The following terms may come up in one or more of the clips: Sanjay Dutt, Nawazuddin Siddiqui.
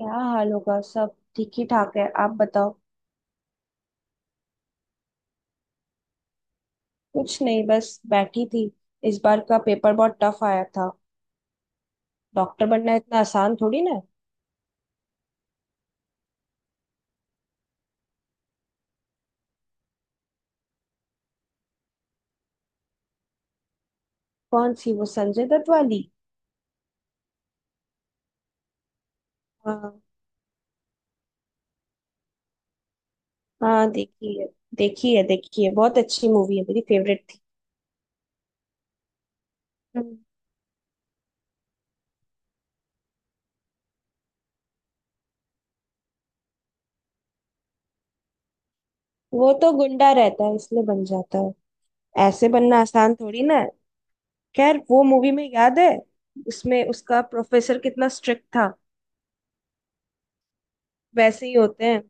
क्या हाल होगा। सब ठीक ही ठाक है। आप बताओ। कुछ नहीं, बस बैठी थी। इस बार का पेपर बहुत टफ आया था। डॉक्टर बनना इतना आसान थोड़ी ना है। कौन सी, वो संजय दत्त वाली? हाँ हाँ, देखी है। देखी है। बहुत अच्छी मूवी है, मेरी फेवरेट थी। हम्म। वो तो गुंडा रहता है इसलिए बन जाता है। ऐसे बनना आसान थोड़ी ना है। खैर, वो मूवी में याद है, उसमें उसका प्रोफेसर कितना स्ट्रिक्ट था। वैसे ही होते हैं।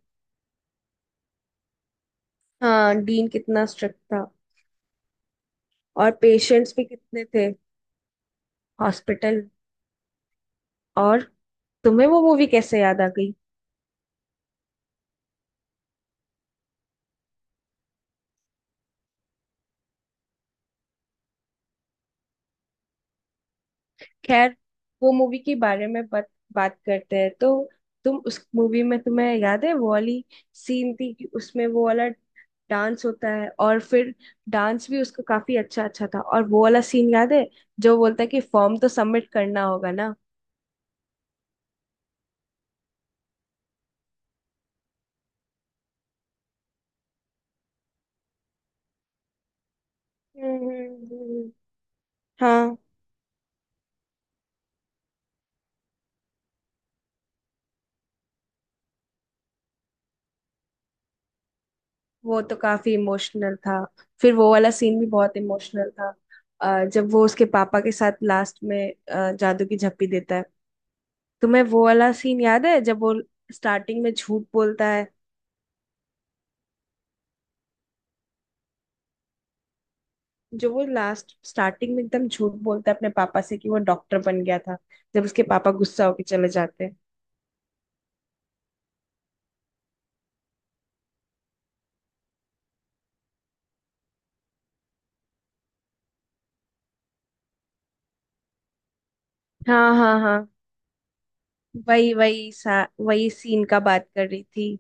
हाँ, डीन कितना स्ट्रिक्ट था। और पेशेंट्स भी कितने थे हॉस्पिटल। और तुम्हें वो मूवी कैसे याद आ गई? खैर, वो मूवी के बारे में बात बात करते हैं तो। तुम उस मूवी में, तुम्हें याद है वो वाली सीन थी कि उसमें वो वाला डांस होता है, और फिर डांस भी उसका काफी अच्छा अच्छा था। और वो वाला सीन याद है जो बोलता है कि फॉर्म तो सबमिट करना होगा ना। हम्म। हाँ। वो तो काफी इमोशनल था। फिर वो वाला सीन भी बहुत इमोशनल था। जब वो उसके पापा के साथ लास्ट में जादू की झप्पी देता है। तुम्हें वो वाला सीन याद है जब वो स्टार्टिंग में झूठ बोलता है? जो वो लास्ट स्टार्टिंग में एकदम झूठ बोलता है अपने पापा से कि वो डॉक्टर बन गया था। जब उसके पापा गुस्सा होके चले जाते हैं। हाँ हाँ हाँ। वही वही सा, वही सीन का बात कर रही थी।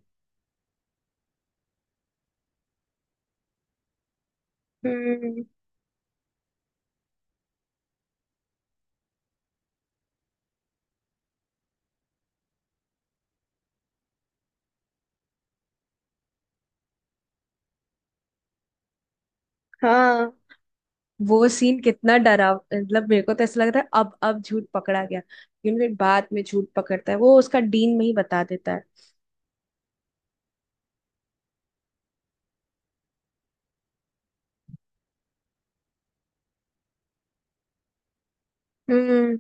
हम्म। हाँ। वो सीन कितना डरा, मतलब मेरे को तो ऐसा लग रहा है अब झूठ पकड़ा गया, लेकिन फिर बाद में झूठ पकड़ता है वो, उसका डीन में ही बता देता है। हम्म।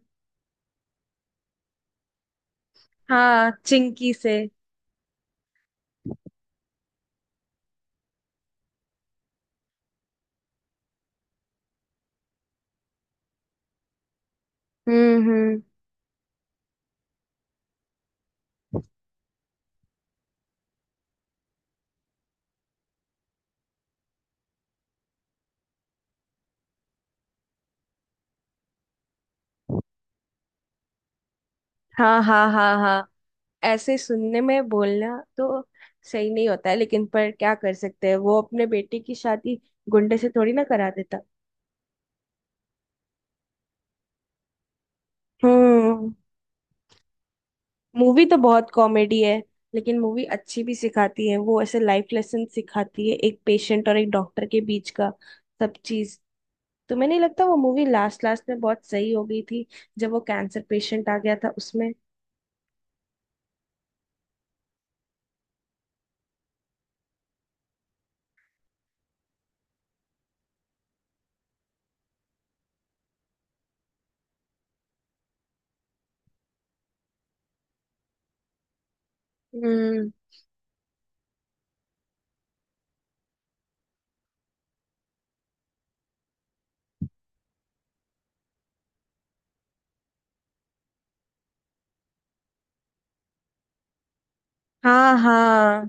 हाँ, चिंकी से। हम्म। हम्म। हाँ हाँ हाँ हाँ। ऐसे सुनने में बोलना तो सही नहीं होता है, लेकिन पर क्या कर सकते हैं, वो अपने बेटे की शादी गुंडे से थोड़ी ना करा देता। हम्म। मूवी तो बहुत कॉमेडी है, लेकिन मूवी अच्छी भी सिखाती है। वो ऐसे लाइफ लेसन सिखाती है, एक पेशेंट और एक डॉक्टर के बीच का सब चीज। तुम्हें नहीं लगता वो मूवी लास्ट लास्ट में बहुत सही हो गई थी, जब वो कैंसर पेशेंट आ गया था उसमें? हम्म। हाँ हाँ।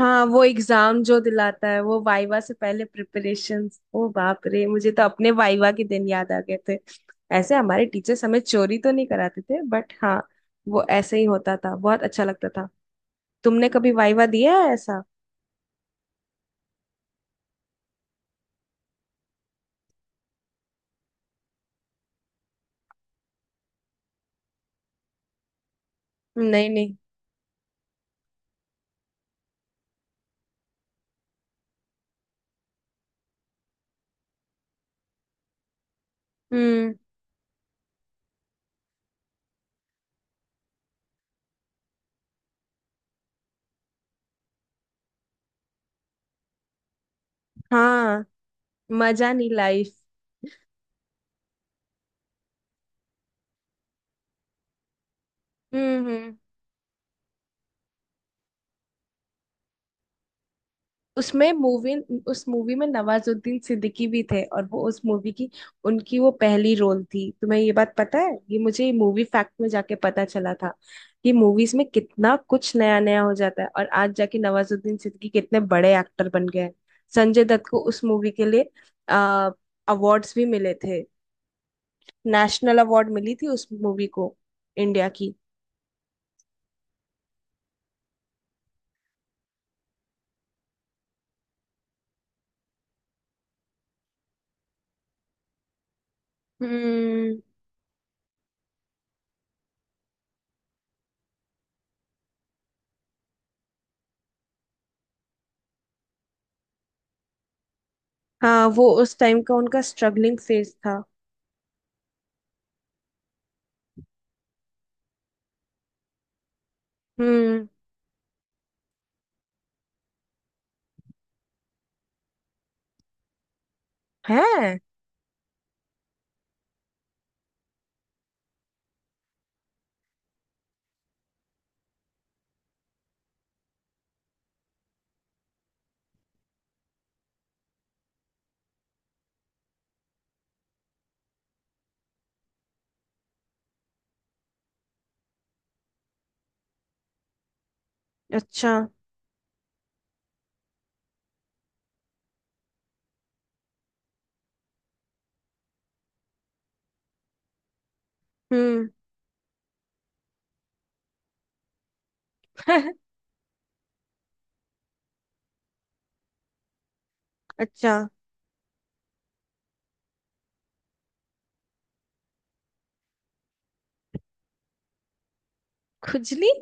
हाँ वो एग्जाम जो दिलाता है, वो वाइवा से पहले प्रिपरेशंस, ओ बाप रे, मुझे तो अपने वाइवा के दिन याद आ गए थे। ऐसे हमारे टीचर्स हमें चोरी तो नहीं कराते थे, बट हाँ वो ऐसे ही होता था, बहुत अच्छा लगता था। तुमने कभी वाइवा दिया है ऐसा? नहीं नहीं। हम्म। हाँ। मजा नहीं लाइफ। हम्म। उसमें मूवी उस मूवी में नवाजुद्दीन सिद्दीकी भी थे, और वो उस मूवी की उनकी वो पहली रोल थी। तुम्हें ये बात पता है? ये मुझे मूवी फैक्ट में जाके पता चला था कि मूवीज में कितना कुछ नया नया हो जाता है, और आज जाके नवाजुद्दीन सिद्दीकी कितने बड़े एक्टर बन गए हैं। संजय दत्त को उस मूवी के लिए आ अवार्ड्स भी मिले थे। नेशनल अवार्ड मिली थी उस मूवी को, इंडिया की। हम्म। हाँ वो उस टाइम का उनका स्ट्रगलिंग फेज था। हम्म। है। अच्छा। हम्म। अच्छा। खुजली।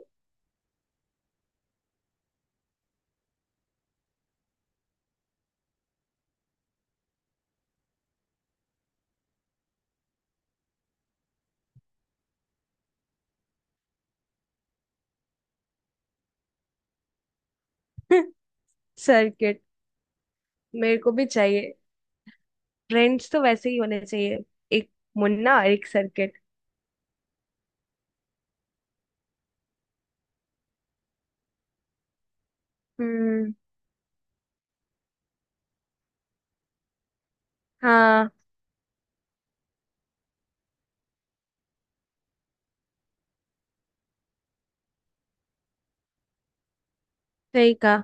सर्किट। मेरे को भी चाहिए, फ्रेंड्स तो वैसे ही होने चाहिए, एक मुन्ना और एक सर्किट। हम्म। हाँ सही कहा।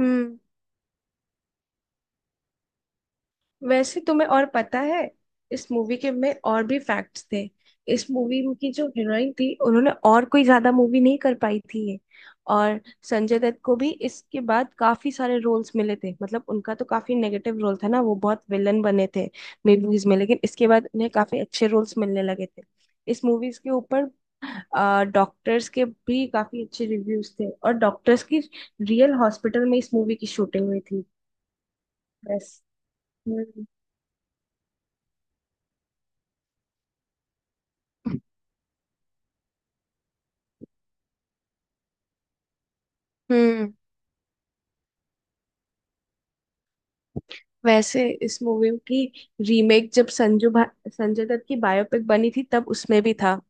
हम्म। वैसे तुम्हें और पता है, इस मूवी के में और भी फैक्ट्स थे। इस मूवी की जो हीरोइन थी उन्होंने और कोई ज्यादा मूवी नहीं कर पाई थी ये। और संजय दत्त को भी इसके बाद काफी सारे रोल्स मिले थे। मतलब उनका तो काफी नेगेटिव रोल था ना, वो बहुत विलन बने थे मूवीज में, लेकिन इसके बाद उन्हें काफी अच्छे रोल्स मिलने लगे थे इस मूवीज के ऊपर। डॉक्टर्स के भी काफी अच्छे रिव्यूज थे, और डॉक्टर्स की रियल हॉस्पिटल में इस मूवी की शूटिंग हुई थी। बस। हम्म। हम्म। वैसे इस मूवी की रीमेक, जब संजू भा, संजय दत्त की बायोपिक बनी थी तब उसमें भी था।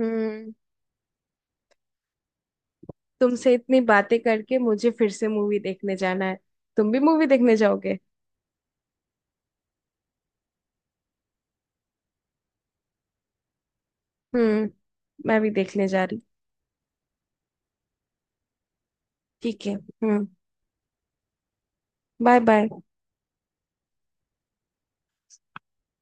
हम्म। तुमसे इतनी बातें करके मुझे फिर से मूवी देखने जाना है। तुम भी मूवी देखने जाओगे? हम्म। मैं भी देखने जा रही। ठीक है। हम्म। Bye bye.